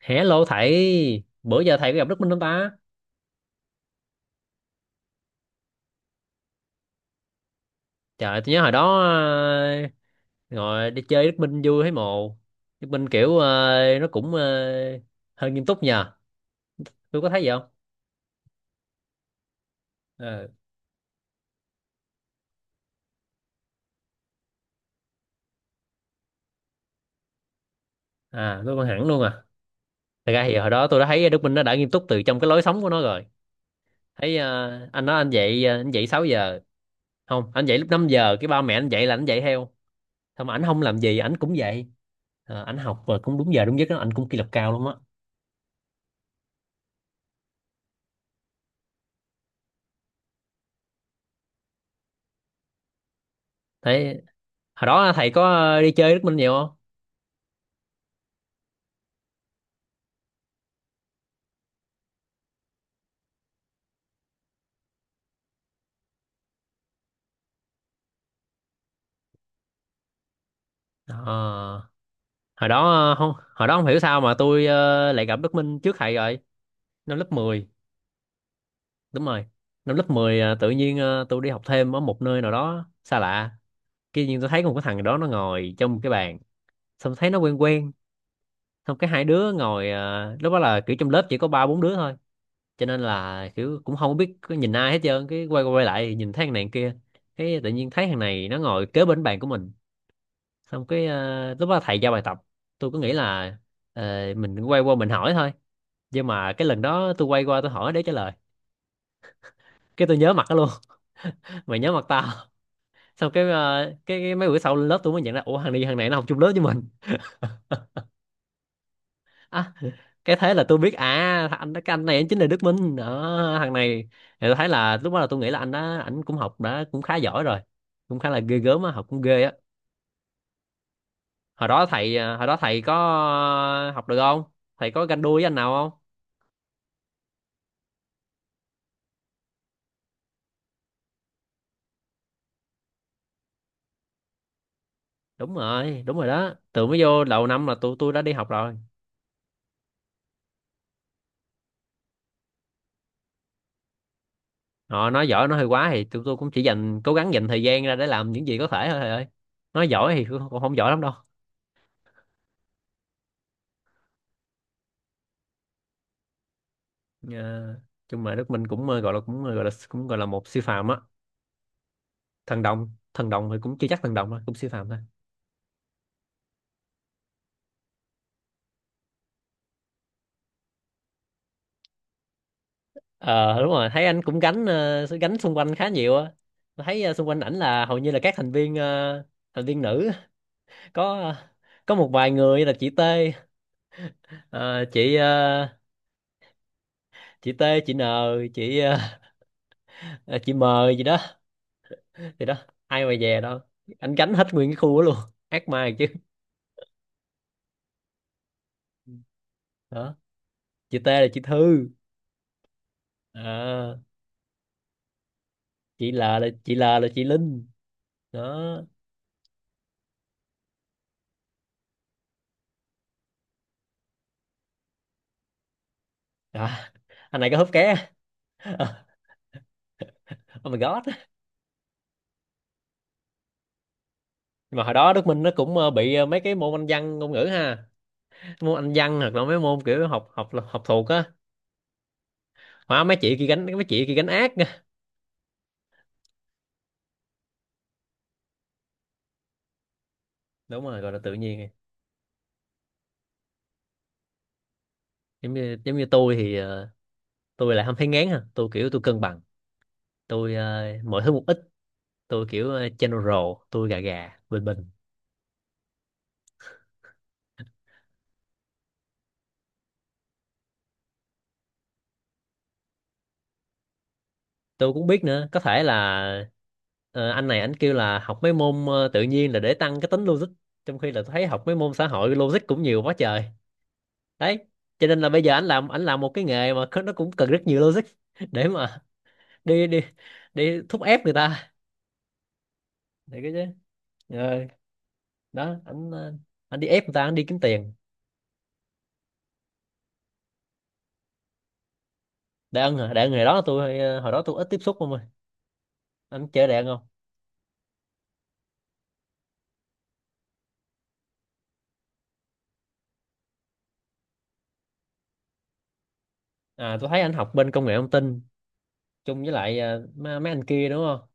Hello thầy, bữa giờ thầy có gặp Đức Minh không ta? Trời, tôi nhớ hồi đó ngồi đi chơi Đức Minh vui thấy mồ. Đức Minh kiểu nó cũng hơi nghiêm túc nhờ. Tôi có thấy vậy không? Ờ, À, tôi còn hẳn luôn à. Thật ra thì hồi đó tôi đã thấy Đức Minh nó đã nghiêm túc từ trong cái lối sống của nó rồi. Thấy anh nói anh dậy anh dậy 6 giờ. Không, anh dậy lúc 5 giờ, cái ba mẹ anh dậy là anh dậy theo. Xong mà ảnh không làm gì, ảnh cũng dậy. À, ảnh học và cũng đúng giờ đúng giấc đó, ảnh cũng kỷ luật cao lắm á. Thấy hồi đó thầy có đi chơi Đức Minh nhiều không? Ờ, Hồi đó không, hồi đó không hiểu sao mà tôi lại gặp Đức Minh trước thầy rồi, năm lớp mười. Đúng rồi, năm lớp 10 tự nhiên tôi đi học thêm ở một nơi nào đó xa lạ, kia nhiên tôi thấy có một cái thằng đó nó ngồi trong một cái bàn, xong thấy nó quen quen, xong cái hai đứa ngồi lúc đó là kiểu trong lớp chỉ có ba bốn đứa thôi, cho nên là kiểu cũng không biết có nhìn ai hết trơn, cái quay qua quay lại thì nhìn thấy thằng này thằng kia, cái tự nhiên thấy thằng này nó ngồi kế bên bàn của mình, xong cái lúc đó thầy giao bài tập, tôi cứ nghĩ là ờ, mình quay qua mình hỏi thôi, nhưng mà cái lần đó tôi quay qua tôi hỏi để trả lời, cái tôi nhớ mặt nó luôn. Mày nhớ mặt tao. Xong cái mấy bữa sau lên lớp tôi mới nhận ra ủa thằng này, thằng này nó học chung lớp với mình. À, cái thế là tôi biết, à anh này anh chính là Đức Minh đó, thằng này. Thì tôi thấy là lúc đó là tôi nghĩ là anh đó anh cũng học đã cũng khá giỏi rồi, cũng khá là ghê gớm á, học cũng ghê á. Hồi đó thầy học được không? Thầy có ganh đua với anh nào không? Đúng rồi, đúng rồi, đó từ mới vô đầu năm là tụi tôi đã đi học rồi. Họ nói giỏi nói hơi quá, thì tụi tôi cũng chỉ dành, cố gắng dành thời gian ra để làm những gì có thể thôi thầy ơi. Nói giỏi thì cũng cũng không giỏi lắm đâu. À, chung mà Đức Minh cũng gọi là một siêu phàm á. Thần đồng, thần đồng thì cũng chưa chắc thần đồng đâu, cũng siêu phàm thôi. Ờ đúng rồi, thấy anh cũng gánh gánh xung quanh khá nhiều á. Tôi thấy xung quanh ảnh là hầu như là các thành viên thành viên nữ. Có có một vài người là chị T, ờ, chị ờ, chị T, chị N, chị ờ, ờ, chị M gì đó. Thì đó, ai mà dè đâu anh gánh hết nguyên cái khu đó luôn, ác ma chứ. Đó, chị T là chị Thư. À, chị L là chị Linh. Đó. À, anh này có húp ké. Oh my god. Mà hồi đó Đức Minh nó cũng mấy cái môn Anh văn ngôn ngữ ha, môn Anh văn hoặc là mấy môn kiểu học học học thuộc á, hóa, mấy chị kia gánh, mấy chị kia gánh ác nha. Đúng rồi, gọi là tự nhiên. Giống như, giống như tôi thì tôi lại không thấy ngán ha, tôi kiểu tôi cân bằng, tôi mọi thứ một ít, tôi kiểu general, tôi gà gà bình bình. Tôi cũng biết nữa, có thể là anh này anh kêu là học mấy môn tự nhiên là để tăng cái tính logic, trong khi là tôi thấy học mấy môn xã hội logic cũng nhiều quá trời. Đấy, cho nên là bây giờ anh làm, anh làm một cái nghề mà nó cũng cần rất nhiều logic. Để mà đi, đi đi thúc ép người ta, để cái chứ. Ờ, đó anh anh đi ép người ta, anh đi kiếm tiền. Đại Ân hả? Đại Ân hồi đó tôi hồi đó tôi ít tiếp xúc, không ơi. Anh chơi Đại Ân không? À tôi thấy anh học bên công nghệ thông tin chung với lại à, mấy anh kia đúng không?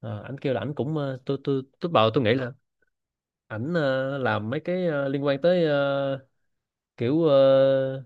À, anh kêu là anh cũng tôi bảo tôi nghĩ là ảnh làm mấy cái liên quan tới kiểu ờ,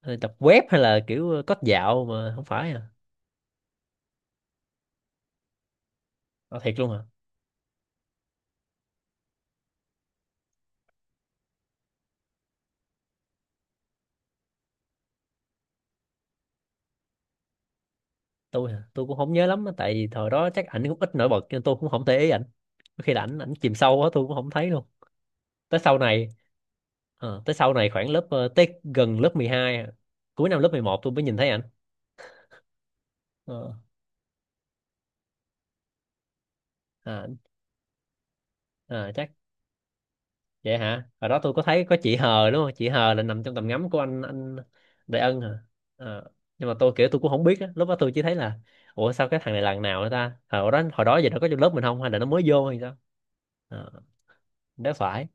ờ, tập web hay là kiểu code dạo mà không phải à. À, thiệt luôn à. Tôi hả? Tôi cũng không nhớ lắm á, tại vì thời đó chắc ảnh cũng ít nổi bật nên tôi cũng không để ý ảnh, có khi là ảnh ảnh chìm sâu quá tôi cũng không thấy luôn. Tới sau này khoảng lớp tới gần lớp 12 à, cuối năm lớp 11 tôi mới nhìn thấy ảnh. Ờ. À, ờ, chắc vậy hả? Hồi đó tôi có thấy có chị Hờ đúng không? Chị Hờ là nằm trong tầm ngắm của anh Đại Ân hả? Ờ, nhưng mà tôi kiểu tôi cũng không biết á, lúc đó tôi chỉ thấy là ủa sao cái thằng này lần nào nữa ta? Ờ, hồi đó, hồi đó giờ nó có trong lớp mình không hay là nó mới vô hay sao? Ờ, nếu phải.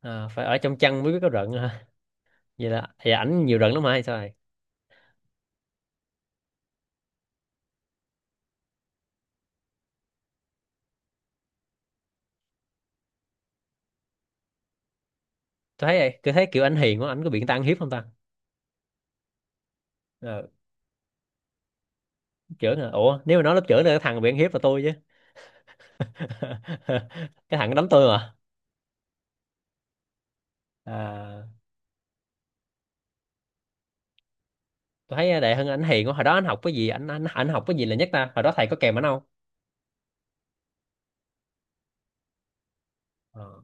Ờ, phải ở trong chăn mới biết có rận hả? Vậy là vậy, ảnh nhiều rận lắm hả hay sao vậy? Tôi thấy, tôi thấy kiểu ảnh hiền quá, ảnh có bị người ta ăn hiếp không ta? Ờ, trưởng hả? Ủa, nếu mà nói lớp trưởng là cái thằng bị ăn hiếp là tôi chứ. Cái thằng nó đánh tôi mà. À, tôi thấy Đại Hưng anh hiền quá, hồi đó anh học cái gì, anh học cái gì là nhất ta, hồi đó thầy có kèm anh không? Ờ.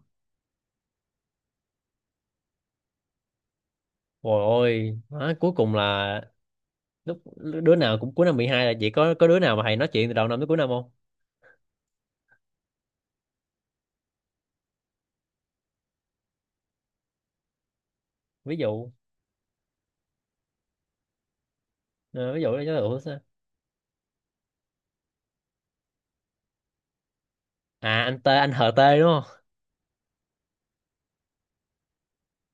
Ôi ôi, má, cuối cùng là lúc đứa nào cũng cuối năm mười hai, là chỉ có đứa nào mà thầy nói chuyện từ đầu năm tới cuối năm không? Ví dụ, ờ, ví dụ là ủa sao? À anh T, anh HT đúng không?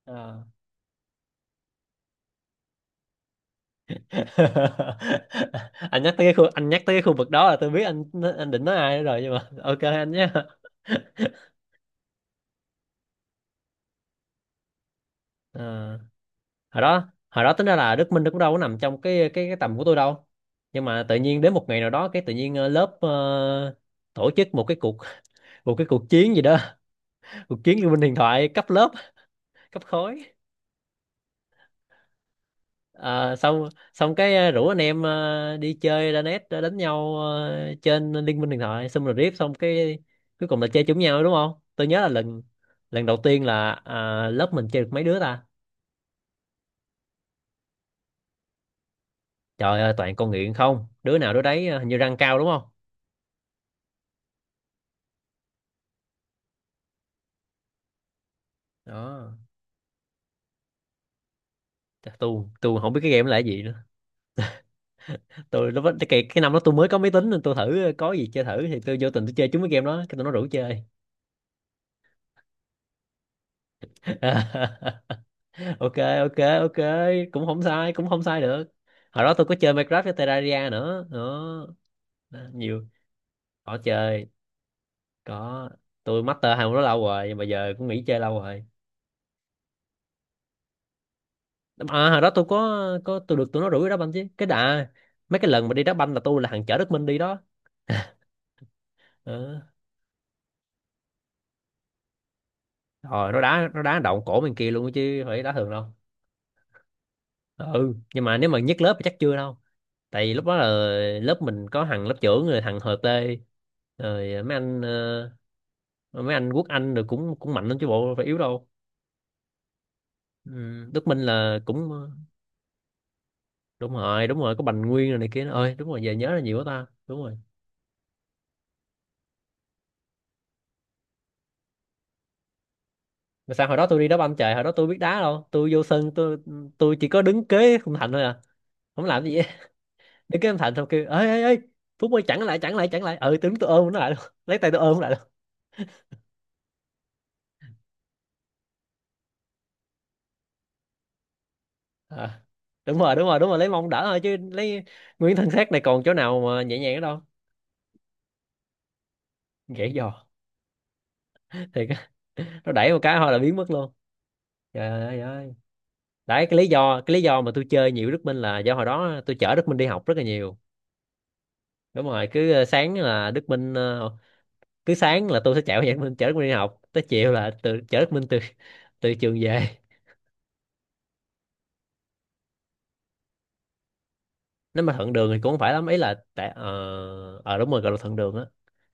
Ờ. Anh nhắc tới cái khu, anh nhắc tới cái khu vực đó là tôi biết anh định nói ai rồi, nhưng mà ok anh nhé. Ờ. Hồi đó, hồi đó tính ra là Đức Minh nó cũng đâu có nằm trong cái tầm của tôi đâu, nhưng mà tự nhiên đến một ngày nào đó cái tự nhiên tổ chức một cái cuộc, một cái cuộc chiến gì đó, cuộc chiến Liên minh huyền thoại cấp lớp, cấp khối. Ờ, xong, xong cái rủ anh em đi chơi ra net đánh nhau trên Liên minh huyền thoại, xong rồi riết xong cái cuối cùng là chơi chung nhau đúng không. Tôi nhớ là lần lần đầu tiên là à, lớp mình chơi được mấy đứa ta. Trời ơi, toàn con nghiện không, đứa nào đứa đấy hình như răng cao đúng không. Đó. Chắc tôi không biết cái game đó là cái gì nữa. Tôi nó cái năm đó tôi mới có máy tính nên tôi thử có gì chơi thử, thì tôi vô tình tôi chơi trúng cái game đó, cái tụi nó rủ chơi. Ok, ok. Cũng không sai được. Hồi đó tôi có chơi Minecraft với Terraria nữa đó. Đó, nhiều. Có chơi, có, tôi master hai môn đó lâu rồi, nhưng mà giờ cũng nghỉ chơi lâu rồi. À hồi đó tôi có tôi được tụi nó rủ đi đá banh chứ cái đà. Mấy cái lần mà đi đá banh là tôi là thằng chở Đức Minh đi đó. Ờ. Rồi nó đá, nó đá động cổ bên kia luôn chứ phải đá thường đâu. Ờ, ừ nhưng mà nếu mà nhất lớp thì chắc chưa đâu, tại vì lúc đó là lớp mình có thằng lớp trưởng rồi thằng Hợp Tê, rồi mấy anh mấy anh Quốc Anh, rồi cũng cũng mạnh lắm chứ bộ phải yếu đâu. Ừ, Đức Minh là cũng đúng rồi, đúng rồi có Bành Nguyên rồi này kia nữa ơi, đúng rồi giờ nhớ là nhiều quá ta, đúng rồi. Mà sao hồi đó tôi đi đá banh, trời hồi đó tôi biết đá đâu, tôi vô sân tôi chỉ có đứng kế khung thành thôi à, không làm gì hết. Đứng kế khung thành xong kêu ê ê ê Phúc ơi chặn lại, chặn lại, chặn lại, ừ tôi đứng tôi ôm nó lại luôn. Lấy tay tôi ôm nó lại. À, đúng rồi đúng rồi lấy mông đỡ thôi, chứ lấy nguyên thân xác này còn chỗ nào mà nhẹ nhàng ở đâu. Gãy giò thì nó đẩy một cái thôi là biến mất luôn, trời ơi. Đấy, cái lý do mà tôi chơi nhiều Đức Minh là do hồi đó tôi chở Đức Minh đi học rất là nhiều. Đúng rồi, cứ sáng là Đức Minh cứ sáng là tôi sẽ chạy qua nhà Đức Minh chở Đức Minh đi học, tới chiều là chở Đức Minh từ, từ trường về. Nếu mà thuận đường thì cũng không phải lắm, ý là tại đúng rồi gọi là thuận đường á.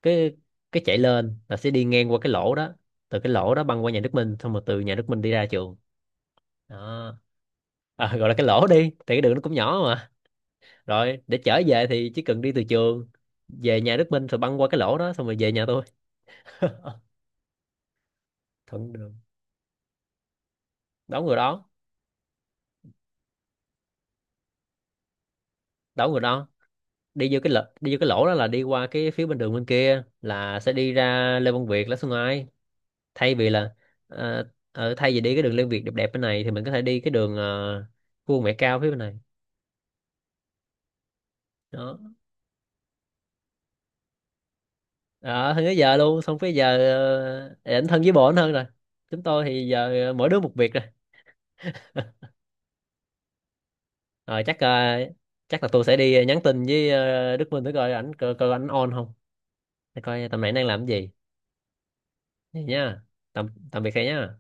Cái cái chạy lên là sẽ đi ngang qua cái lỗ đó, từ cái lỗ đó băng qua nhà Đức Minh, xong rồi từ nhà Đức Minh đi ra trường. Đó. À, gọi là cái lỗ đi, tại cái đường nó cũng nhỏ mà. Rồi để trở về thì chỉ cần đi từ trường về nhà Đức Minh rồi băng qua cái lỗ đó xong rồi về nhà tôi. Thuận đường, đón người đó, đón người đó. Đi vô cái lỗ đó là đi qua cái phía bên đường bên kia là sẽ đi ra Lê Văn Việt Lã Xuân Ai, thay vì là ờ, ở thay vì đi cái đường Liên Việt đẹp đẹp bên này thì mình có thể đi cái đường Vua Mẹ Cao phía bên này. Đó. Ở hơn tới giờ luôn, xong tới giờ ảnh thân với bộ ảnh hơn rồi, chúng tôi thì giờ mỗi đứa một việc rồi. Rồi chắc chắc là tôi sẽ đi nhắn tin với Đức Minh để coi ảnh, coi ảnh on không, để coi tầm này đang làm cái gì. Vậy nha. Tạm, tạm biệt thầy nhá.